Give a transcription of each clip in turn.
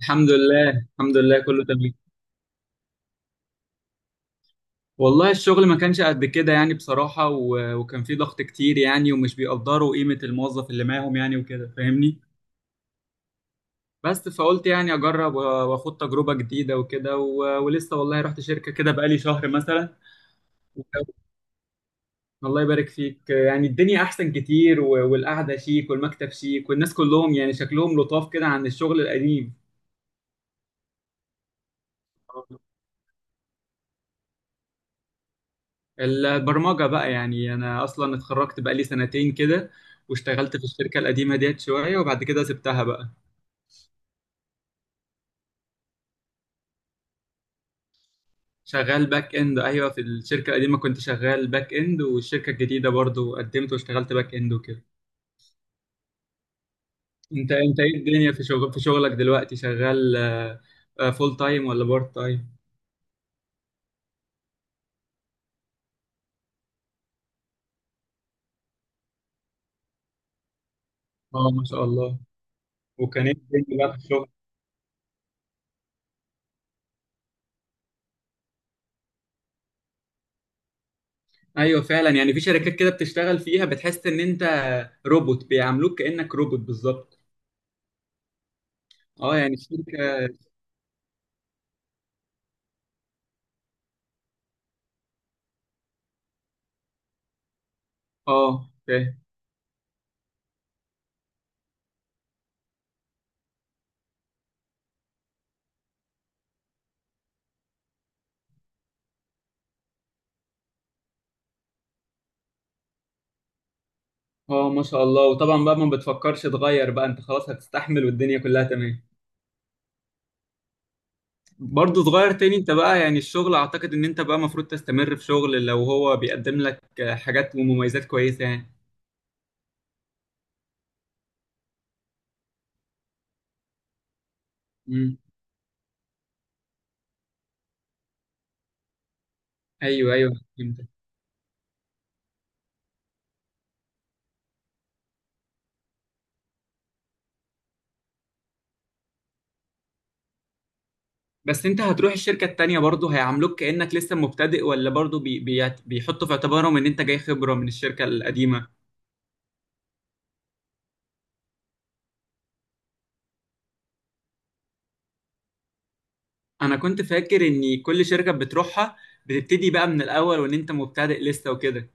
الحمد لله الحمد لله كله تمام. والله الشغل ما كانش قد كده يعني بصراحة وكان في ضغط كتير يعني، ومش بيقدروا قيمة الموظف اللي معاهم يعني وكده، فاهمني. بس فقلت يعني أجرب وآخد تجربة جديدة وكده، ولسه والله رحت شركة كده بقالي شهر مثلا. و... الله يبارك فيك، يعني الدنيا أحسن كتير والقعدة شيك والمكتب شيك والناس كلهم يعني شكلهم لطاف كده عن الشغل القديم. البرمجة بقى، يعني أنا أصلا اتخرجت بقى لي سنتين كده. واشتغلت في الشركة القديمة ديت شوية وبعد كده سبتها بقى. شغال باك إند، أيوه، في الشركة القديمة كنت شغال باك إند، والشركة الجديدة برضو قدمت واشتغلت باك إند وكده. أنت إيه الدنيا؟ في شغلك دلوقتي شغال فول تايم ولا بارت تايم؟ اه، ما شاء الله. وكان ايه الدنيا بقى في الشغل؟ ايوه فعلا، يعني في شركات كده بتشتغل فيها بتحس ان انت روبوت، بيعاملوك كانك روبوت بالظبط. اه يعني الشركه. اه فاهم. اه ما شاء الله. وطبعا بقى ما بتفكرش تغير بقى، انت خلاص هتستحمل والدنيا كلها تمام؟ برضه صغير تاني انت بقى، يعني الشغل اعتقد ان انت بقى المفروض تستمر في شغل لو هو بيقدم لك حاجات ومميزات كويسة يعني. امم. ايوه ايوه فهمتك. بس انت هتروح الشركة التانية برضه هيعاملوك كأنك لسه مبتدئ، ولا برضه بيحطوا في اعتبارهم ان انت جاي خبرة من الشركة القديمة؟ انا كنت فاكر ان كل شركة بتروحها بتبتدي بقى من الاول، وان انت مبتدئ لسه وكده.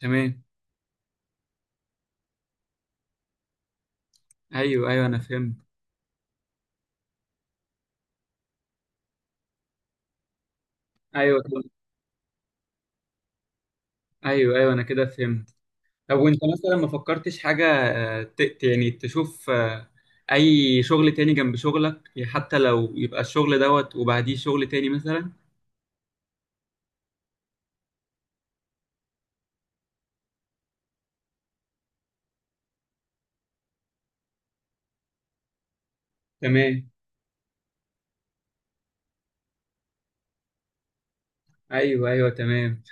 تمام. ايوه ايوه انا فهمت. ايوه ايوه ايوه انا كده فهمت. طب وانت مثلا ما فكرتش حاجه، يعني تشوف اي شغل تاني جنب شغلك؟ يعني حتى لو يبقى الشغل دوت وبعديه شغل تاني مثلا. تمام. ايوه ايوه تمام.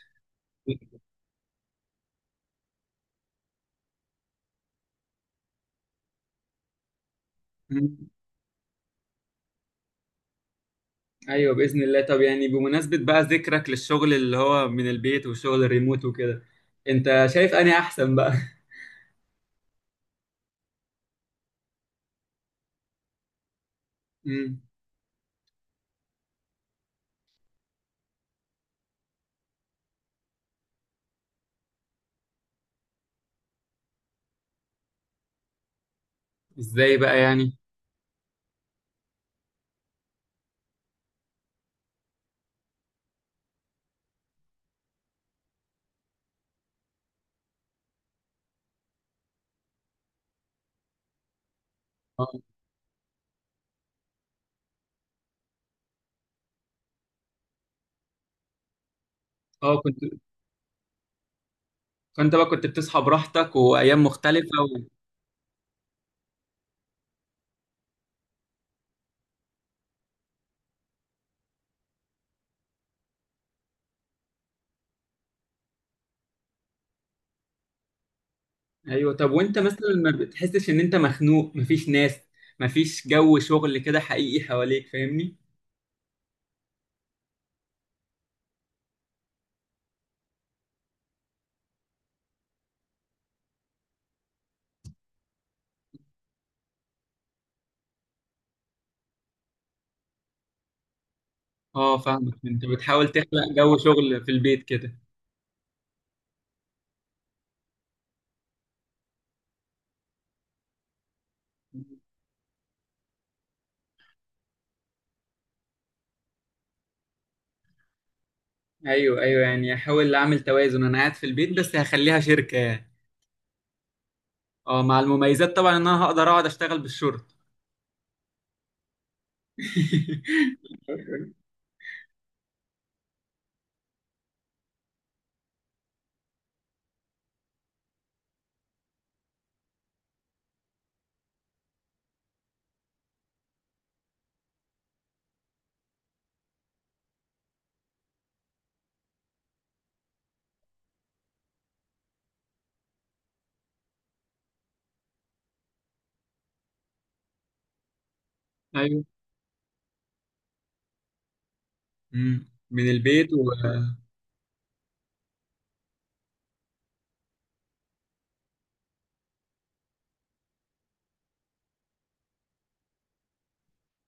مم. ايوه باذن الله. طب يعني بمناسبه بقى ذكرك للشغل اللي هو من البيت والشغل الريموت وكده، انت شايف اني احسن بقى؟ مم. ازاي بقى يعني؟ اه. آه، كنت فانت بقى كنت بتصحى براحتك وايام مختلفه؟ ايوه. طب وانت مثلا ما بتحسش ان انت مخنوق، مفيش ناس، مفيش جو شغل كده حقيقي حواليك؟ فاهمني. اه فاهمك، انت بتحاول تخلق جو شغل في البيت كده؟ ايوه ايوه، يعني احاول اعمل توازن، انا قاعد في البيت بس هخليها شركه يعني. اه، مع المميزات طبعا ان انا هقدر اقعد اشتغل بالشورت. ايوه. امم، من البيت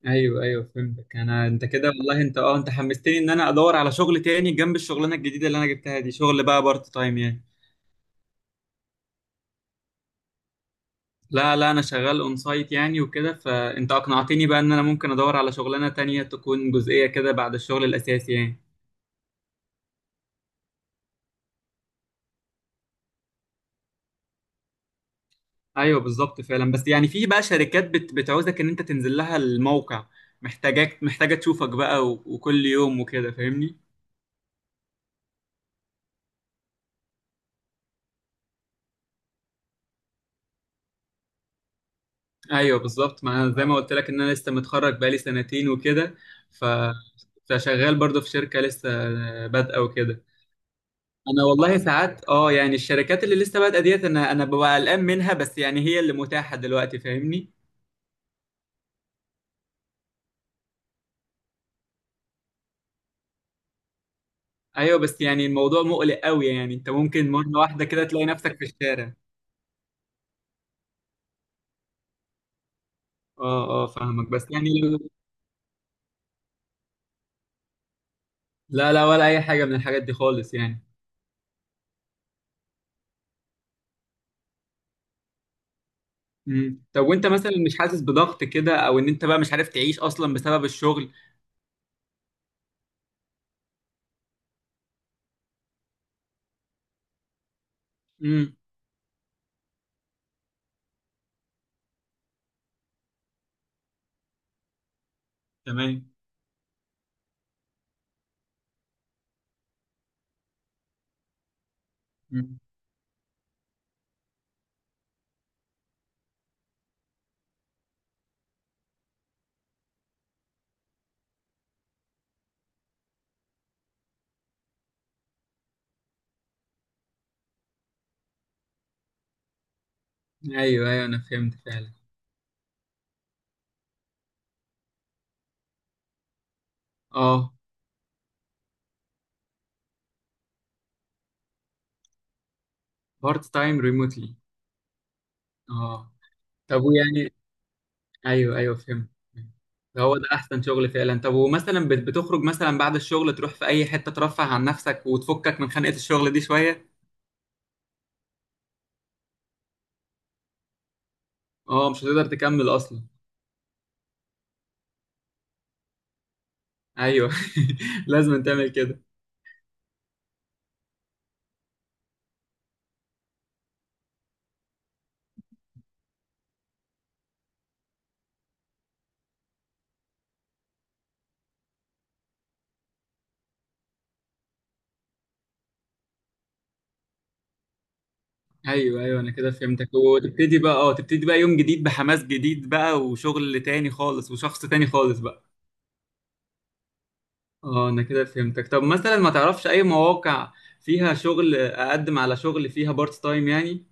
ايوه ايوه فهمتك. انت كده والله، انت حمستني ان انا ادور على شغل تاني جنب الشغلانه الجديده اللي انا جبتها دي، شغل بقى بارت تايم يعني. لا لا انا شغال اون سايت يعني وكده، فانت اقنعتني بقى ان انا ممكن ادور على شغلانه تانية تكون جزئيه كده بعد الشغل الاساسي يعني. ايوه بالظبط فعلا، بس يعني في بقى شركات بتعوزك ان انت تنزل لها الموقع، محتاجاك، محتاجه تشوفك بقى وكل يوم وكده، فاهمني؟ ايوه بالظبط، ما أنا زي ما قلت لك ان انا لسه متخرج بقالي سنتين وكده. ف فشغال برضه في شركه لسه بادئه وكده. انا والله ساعات اه، يعني الشركات اللي لسه بادئه ديت، انا ببقى قلقان منها، بس يعني هي اللي متاحه دلوقتي، فاهمني. ايوه بس يعني الموضوع مقلق قوي، يعني انت ممكن مره واحده كده تلاقي نفسك في الشارع. اه اه فاهمك بس يعني لا لا، ولا اي حاجه من الحاجات دي خالص يعني. امم. طب وانت مثلا مش حاسس بضغط كده، او ان انت بقى مش عارف تعيش اصلا بسبب الشغل؟ امم. تمام. مم. ايوه ايوه انا فهمت فعلا. اه. بارت تايم ريموتلي. اه. طب ويعني ايوه ايوه فهمت. هو ده احسن شغل فعلا. طب ومثلا بتخرج مثلا بعد الشغل تروح في اي حتة ترفه عن نفسك وتفكك من خنقة الشغل دي شوية؟ اه مش هتقدر تكمل اصلا. ايوه. لازم تعمل كده. ايوه ايوه انا كده فهمتك. وتبتدي بقى اه تبتدي بقى يوم جديد بحماس جديد بقى، وشغل تاني خالص وشخص تاني خالص بقى. اه انا كده فهمتك. طب مثلا ما تعرفش اي مواقع فيها شغل اقدم على شغل فيها بارت تايم يعني؟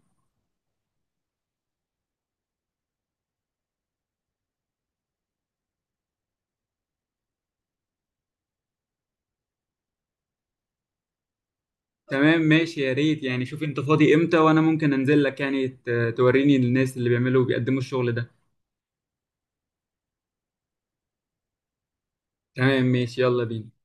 تمام ماشي، يا ريت يعني. شوف انت فاضي امتى، وانا ممكن انزل لك يعني، توريني الناس اللي بيعملوا بيقدموا الشغل ده. تمام ماشي، يلا بينا.